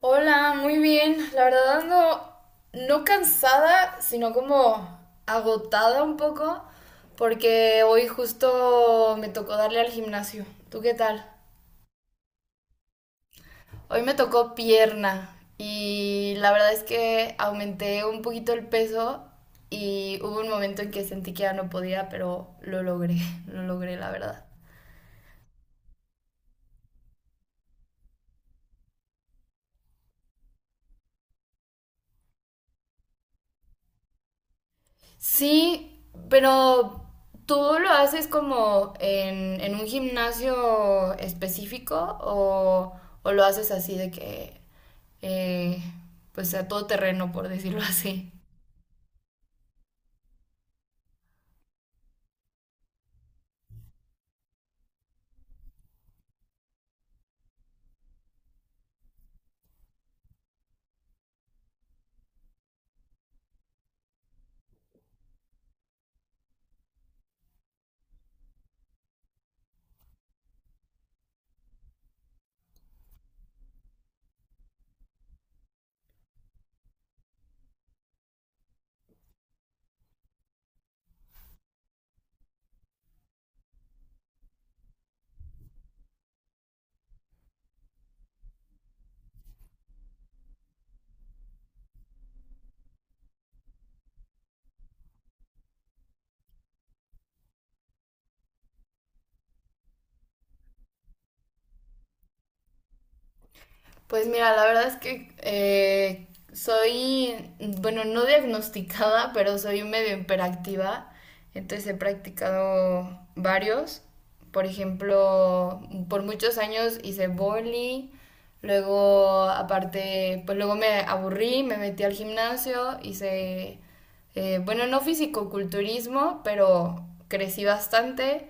Hola, muy bien. La verdad ando no cansada, sino como agotada un poco, porque hoy justo me tocó darle al gimnasio. ¿Tú qué tal? Hoy me tocó pierna y la verdad es que aumenté un poquito el peso y hubo un momento en que sentí que ya no podía, pero lo logré, lo logré, la verdad. Sí, pero ¿tú lo haces como en un gimnasio específico o lo haces así de que, eh, pues a todo terreno, por decirlo así? Pues mira, la verdad es que soy, bueno, no diagnosticada, pero soy medio hiperactiva. Entonces he practicado varios. Por ejemplo, por muchos años hice boli. Luego, aparte, pues luego me aburrí, me metí al gimnasio, hice bueno, no fisicoculturismo, pero crecí bastante.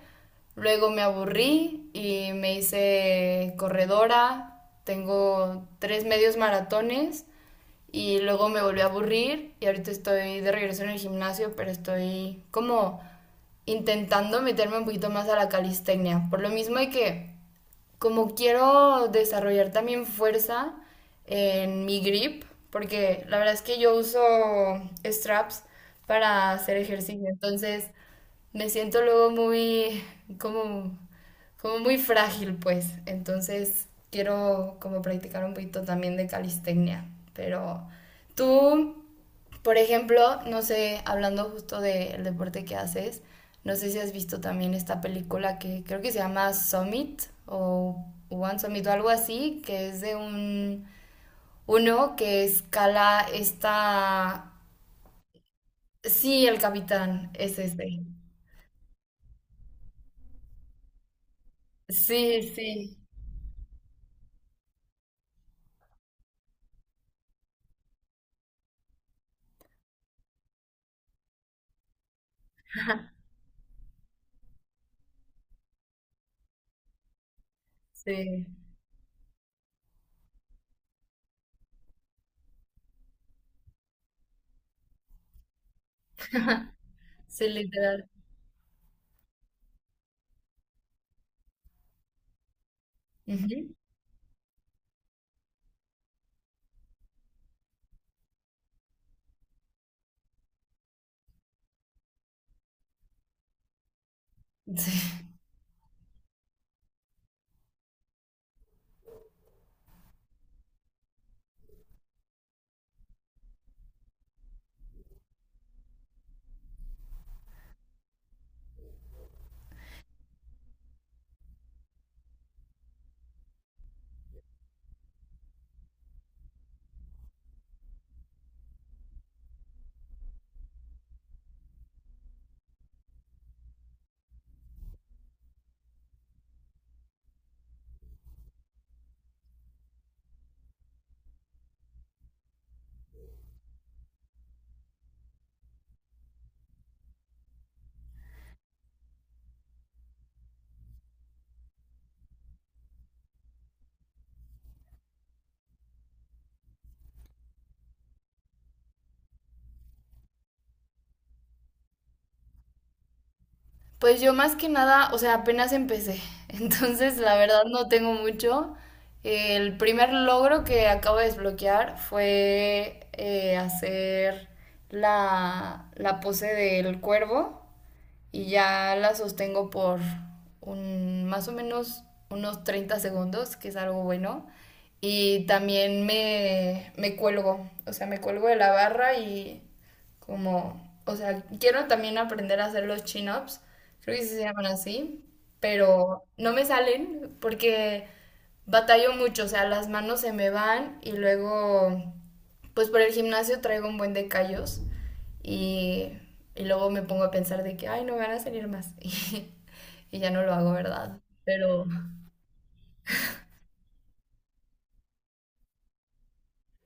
Luego me aburrí y me hice corredora. Tengo tres medios maratones y luego me volví a aburrir y ahorita estoy de regreso en el gimnasio, pero estoy como intentando meterme un poquito más a la calistenia. Por lo mismo hay que como quiero desarrollar también fuerza en mi grip, porque la verdad es que yo uso straps para hacer ejercicio, entonces me siento luego muy, como, como muy frágil, pues. Entonces quiero como practicar un poquito también de calistenia, pero tú... Por ejemplo, no sé, hablando justo del deporte que haces, no sé si has visto también esta película que creo que se llama Summit o One Summit o algo así, que es de un uno que escala esta... Sí, el capitán es este. Sí, sí, sí, sí, literal. Ujú. Sí. Pues yo más que nada, o sea, apenas empecé, entonces la verdad no tengo mucho. El primer logro que acabo de desbloquear fue hacer la pose del cuervo y ya la sostengo por más o menos unos 30 segundos, que es algo bueno. Y también me cuelgo, o sea, me cuelgo de la barra y como, o sea, quiero también aprender a hacer los chin-ups, creo que sí se llaman así, pero no me salen porque batallo mucho, o sea, las manos se me van y luego, pues por el gimnasio traigo un buen de callos y, y luego me pongo a pensar de que, ay, no me van a salir más y ya no lo hago, ¿verdad? Pero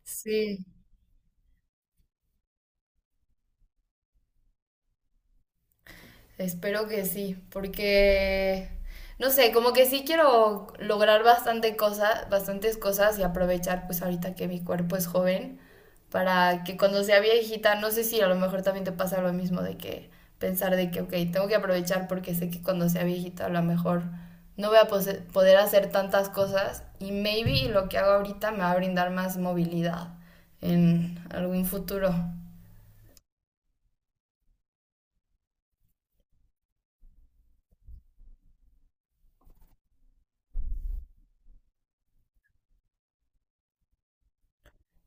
sí. Espero que sí, porque no sé, como que sí quiero lograr bastante cosas, bastantes cosas y aprovechar pues ahorita que mi cuerpo es joven para que cuando sea viejita, no sé si a lo mejor también te pasa lo mismo de que pensar de que, ok, tengo que aprovechar porque sé que cuando sea viejita a lo mejor no voy a poder hacer tantas cosas y maybe lo que hago ahorita me va a brindar más movilidad en algún futuro.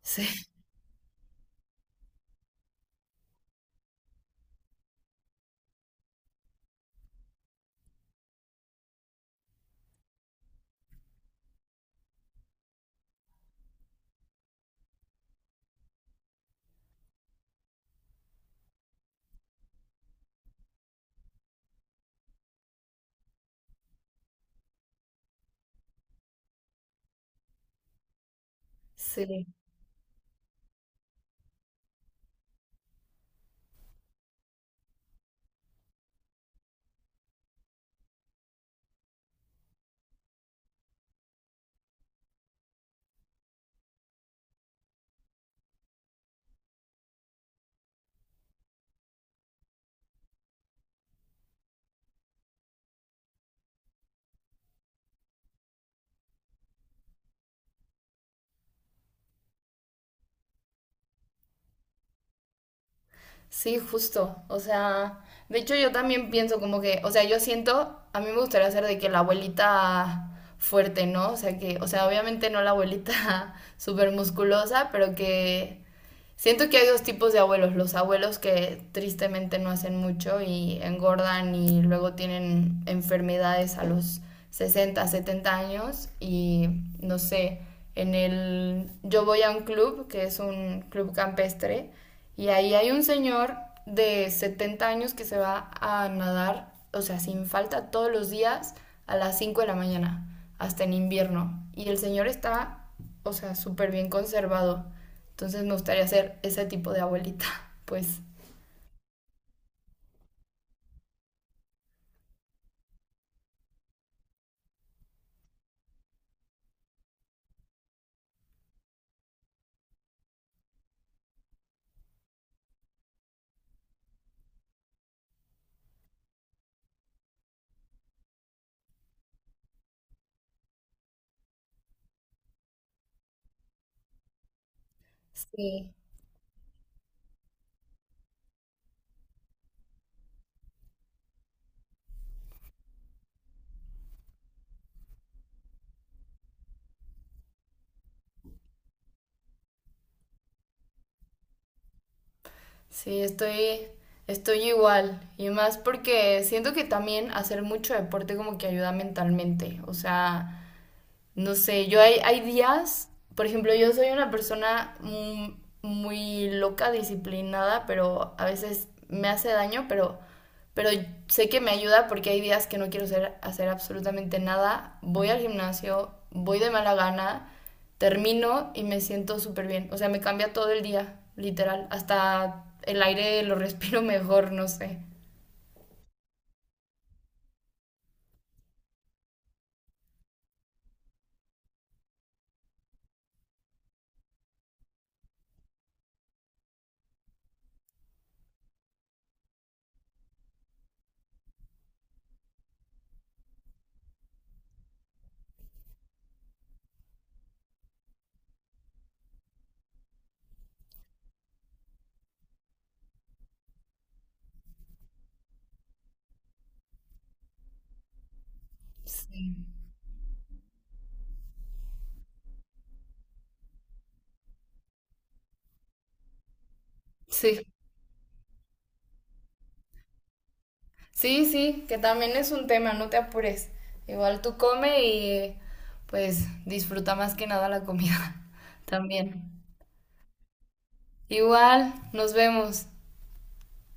Sí, sí. Sí, justo. O sea, de hecho yo también pienso como que, o sea, yo siento, a mí me gustaría ser de que la abuelita fuerte, ¿no? O sea, que, o sea, obviamente no la abuelita súper musculosa, pero que siento que hay dos tipos de abuelos, los abuelos que tristemente no hacen mucho y engordan y luego tienen enfermedades a los 60 70 años y no sé, en el yo voy a un club que es un club campestre y ahí hay un señor de 70 años que se va a nadar, o sea, sin falta todos los días a las 5 de la mañana, hasta en invierno y el señor está, o sea, súper bien conservado. Entonces me gustaría ser ese tipo de abuelita, pues. Sí, sí, estoy igual. Y más porque siento que también hacer mucho deporte como que ayuda mentalmente. O sea, no sé, yo hay días, por ejemplo, yo soy una persona muy loca, disciplinada, pero a veces me hace daño, pero sé que me ayuda porque hay días que no quiero hacer absolutamente nada. Voy al gimnasio, voy de mala gana, termino y me siento súper bien. O sea, me cambia todo el día, literal. Hasta el aire lo respiro mejor, no sé. Sí. Sí. Sí, sí, que también es un tema, no te apures. Igual tú come y pues disfruta más que nada la comida también. Igual, nos vemos.